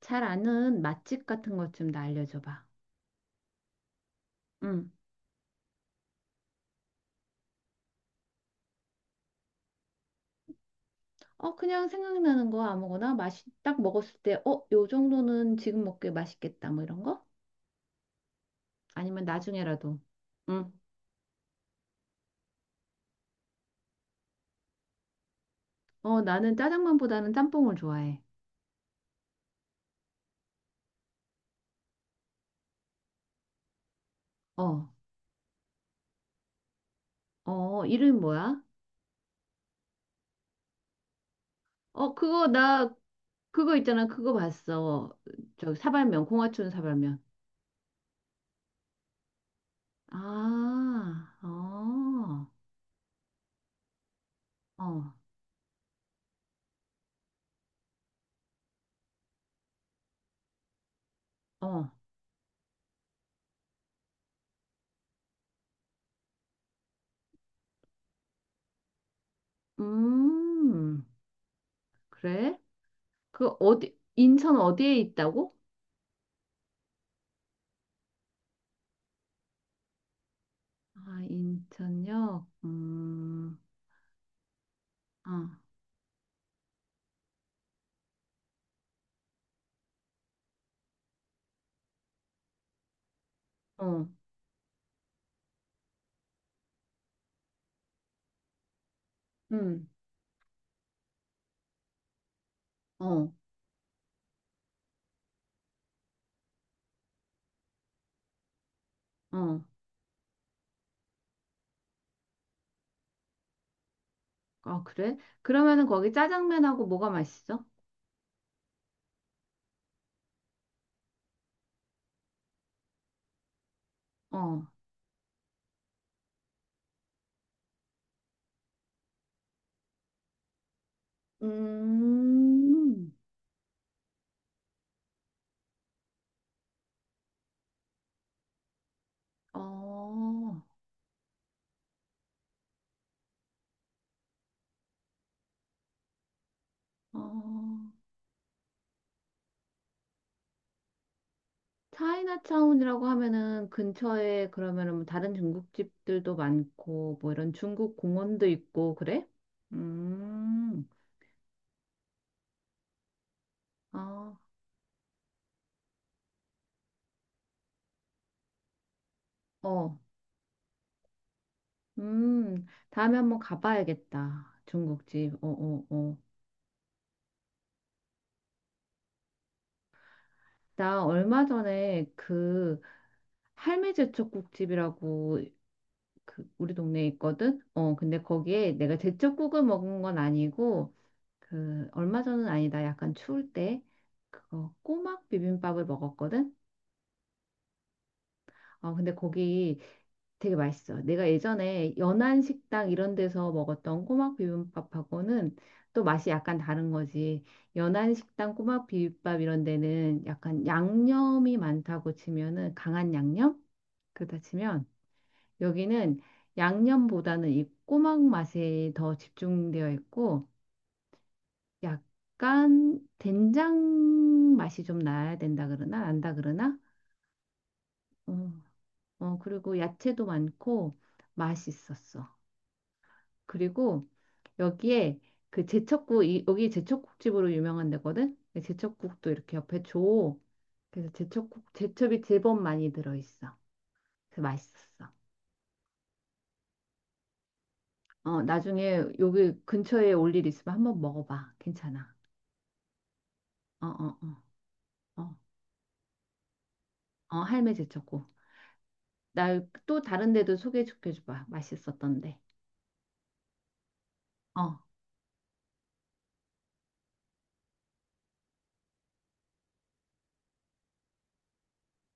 잘 아는 맛집 같은 것 좀 나 알려줘 봐. 응. 어, 그냥 생각나는 거 아무거나 맛이 딱 먹었을 때, 어, 요 정도는 지금 먹기에 맛있겠다. 뭐 이런 거? 아니면 나중에라도. 응. 어, 나는 짜장면보다는 짬뽕을 좋아해. 어, 어, 이름 뭐야? 어, 그거 나 그거 있잖아. 그거 봤어. 저 사발면, 공화춘 사발면. 아, 어, 어, 어. 음, 그래? 그 어디, 인천 어디에 있다고? 아, 인천역? 아, 어, 음. 어, 어. 아, 그래? 그러면은 거기 짜장면하고 뭐가 맛있어? 어, 음. 어, 어. 차이나타운이라고 하면은 근처에 그러면은 뭐 다른 중국집들도 많고 뭐 이런 중국 공원도 있고 그래? 음, 아, 어, 다음에 한번 가봐야겠다. 중국집. 어, 어, 어. 나 얼마 전에 그 할매 제철국집이라고 그 우리 동네에 있거든? 어, 근데 거기에 내가 제철국을 먹은 건 아니고 그 얼마 전은 아니다. 약간 추울 때 그거 꼬막 비빔밥을 먹었거든? 어, 근데 거기 되게 맛있어. 내가 예전에 연안식당 이런 데서 먹었던 꼬막 비빔밥하고는 또 맛이 약간 다른 거지. 연안식당 꼬막 비빔밥 이런 데는 약간 양념이 많다고 치면은 강한 양념? 그렇다 치면 여기는 양념보다는 이 꼬막 맛에 더 집중되어 있고 약간 된장 맛이 좀 나야 된다 그러나 안다 그러나. 어, 어, 그리고 야채도 많고 맛있었어. 그리고 여기에 그 제첩국 이, 여기 제첩국집으로 유명한 데거든. 제첩국도 이렇게 옆에 줘. 그래서 제첩국 제첩이 제법 많이 들어 있어. 그래서 맛있었어. 어, 나중에 여기 근처에 올 일 있으면 한번 먹어봐. 괜찮아. 어, 어, 어, 어, 어, 할매 제쳤고. 나 또 다른 데도 소개시켜줘봐. 맛있었던데. 어,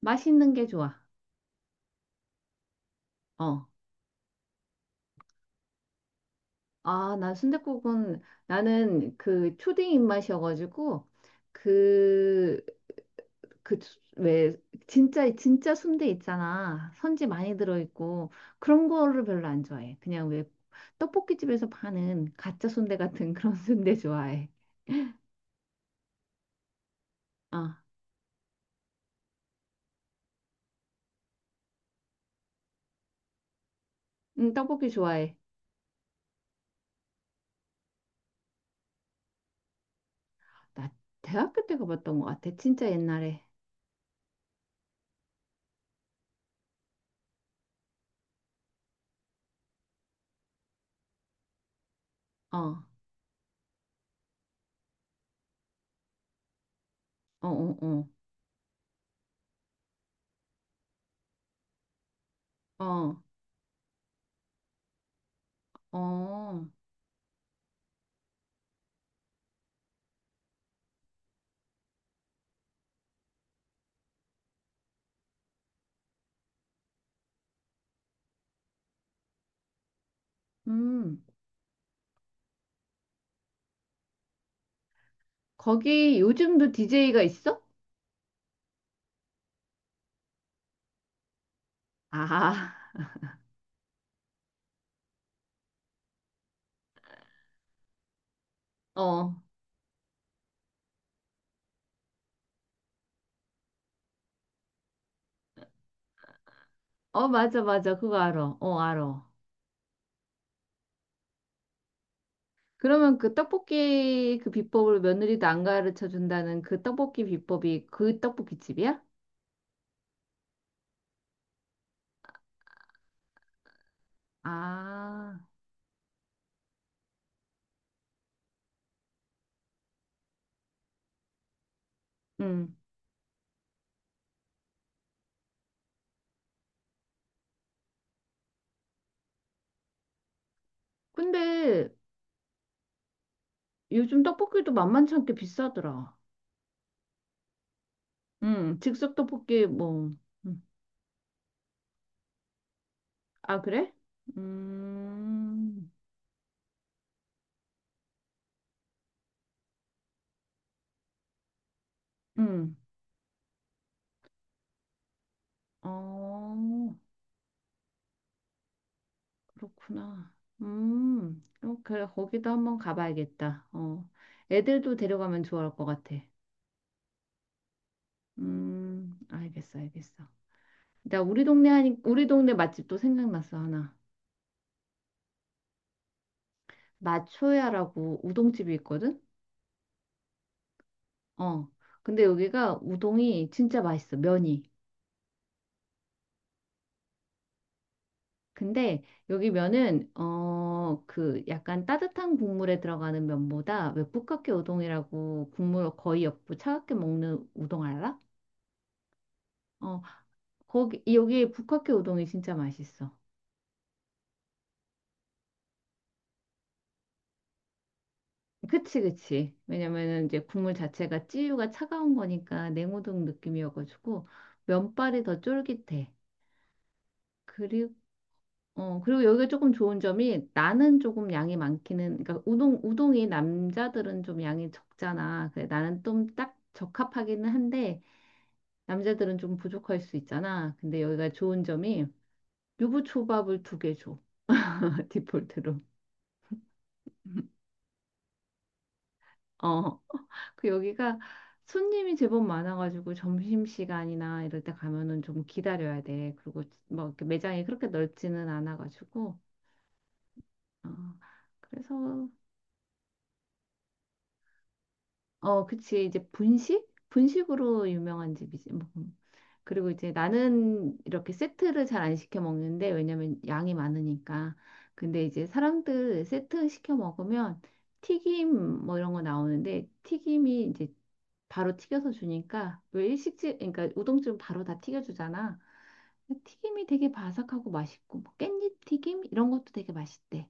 맛있는 게 좋아. 어. 아, 나 순댓국은 나는 그 초딩 입맛이어가지고 그, 그, 왜, 진짜, 진짜 순대 있잖아. 선지 많이 들어있고 그런 거를 별로 안 좋아해. 그냥 왜 떡볶이집에서 파는 가짜 순대 같은 그런 순대 좋아해. 어. 응, 떡볶이 좋아해. 나 대학교 때 가봤던 것 같아. 진짜 옛날에. 어, 어, 어, 어, 어, 어. 음. 거기 요즘도 DJ가 있어? 아, 어. 어, 맞아, 맞아. 그거 알아. 어, 알아. 그러면 그 떡볶이 그 비법을 며느리도 안 가르쳐 준다는 그 떡볶이 비법이 그 떡볶이 집이야? 아, 음. 근데 요즘 떡볶이도 만만치 않게 비싸더라. 즉석 떡볶이 뭐. 응. 아, 그래? 음, 음, 어, 그렇구나. 어, 그래, 거기도 한번 가봐야겠다. 어, 애들도 데려가면 좋을 것 같아. 알겠어, 알겠어. 나 우리 동네 하니, 우리 동네 맛집도 생각났어, 하나. 마초야라고 우동집이 있거든? 어, 근데 여기가 우동이 진짜 맛있어, 면이. 근데 여기 면은 어 그 약간 따뜻한 국물에 들어가는 면보다 왜 북각개 우동이라고 국물 거의 없고 차갑게 먹는 우동 알아? 어 거기 여기 북각개 우동이 진짜 맛있어. 그치 그치. 왜냐면은 이제 국물 자체가 찌유가 차가운 거니까 냉우동 느낌이어가지고 면발이 더 쫄깃해. 그리고 어, 그리고 여기가 조금 좋은 점이 나는 조금 양이 많기는, 그러니까 우동이 남자들은 좀 양이 적잖아. 그래, 나는 좀 딱 적합하기는 한데 남자들은 좀 부족할 수 있잖아. 근데 여기가 좋은 점이 유부초밥을 두 개 줘. 디폴트로. 어, 그 여기가 손님이 제법 많아가지고 점심시간이나 이럴 때 가면은 좀 기다려야 돼. 그리고 뭐 이렇게 매장이 그렇게 넓지는 않아가지고. 어, 그래서 어, 그치. 이제 분식? 분식으로 유명한 집이지. 뭐. 그리고 이제 나는 이렇게 세트를 잘 안 시켜 먹는데, 왜냐면 양이 많으니까. 근데 이제 사람들 세트 시켜 먹으면 튀김 뭐 이런 거 나오는데, 튀김이 이제 바로 튀겨서 주니까, 왜 일식집, 그러니까 우동집은 바로 다 튀겨주잖아. 튀김이 되게 바삭하고 맛있고, 뭐 깻잎 튀김? 이런 것도 되게 맛있대.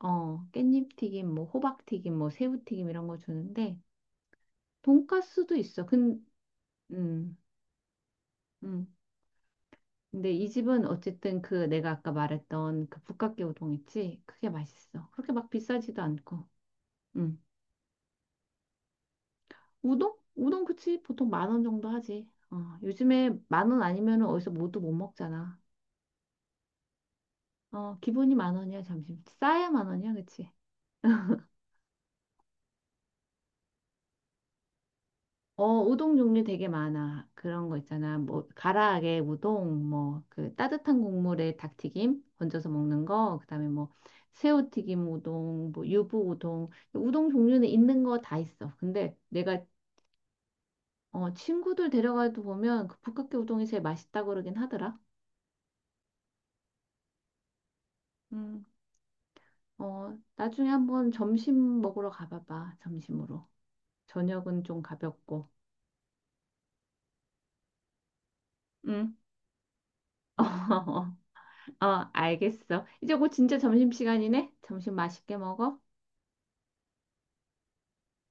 어, 깻잎 튀김, 뭐 호박 튀김, 뭐 새우 튀김 이런 거 주는데, 돈가스도 있어. 음, 음. 근데 이 집은 어쨌든 그 내가 아까 말했던 그 북각개 우동 있지? 그게 맛있어. 그렇게 막 비싸지도 않고. 음. 우동? 우동 그치? 보통 10,000원 정도 하지. 어, 요즘에 10,000원 아니면 은 어디서 뭐도 못 먹잖아. 어, 기본이 만 원이야, 점심. 싸야 만 원이야, 그치? 어, 우동 종류 되게 많아. 그런 거 있잖아. 뭐, 가라아게 우동, 뭐, 그 따뜻한 국물에 닭튀김 건져서 먹는 거, 그다음에 뭐, 새우튀김 우동, 뭐, 유부 우동. 우동 종류는 있는 거 다 있어. 근데 내가, 어, 친구들 데려가도 보면 그 북극해 우동이 제일 맛있다고 그러긴 하더라. 음, 어, 나중에 한번 점심 먹으러 가봐봐. 점심으로. 저녁은 좀 가볍고. 응. 어, 알겠어. 이제 곧 진짜 점심시간이네? 점심 맛있게 먹어.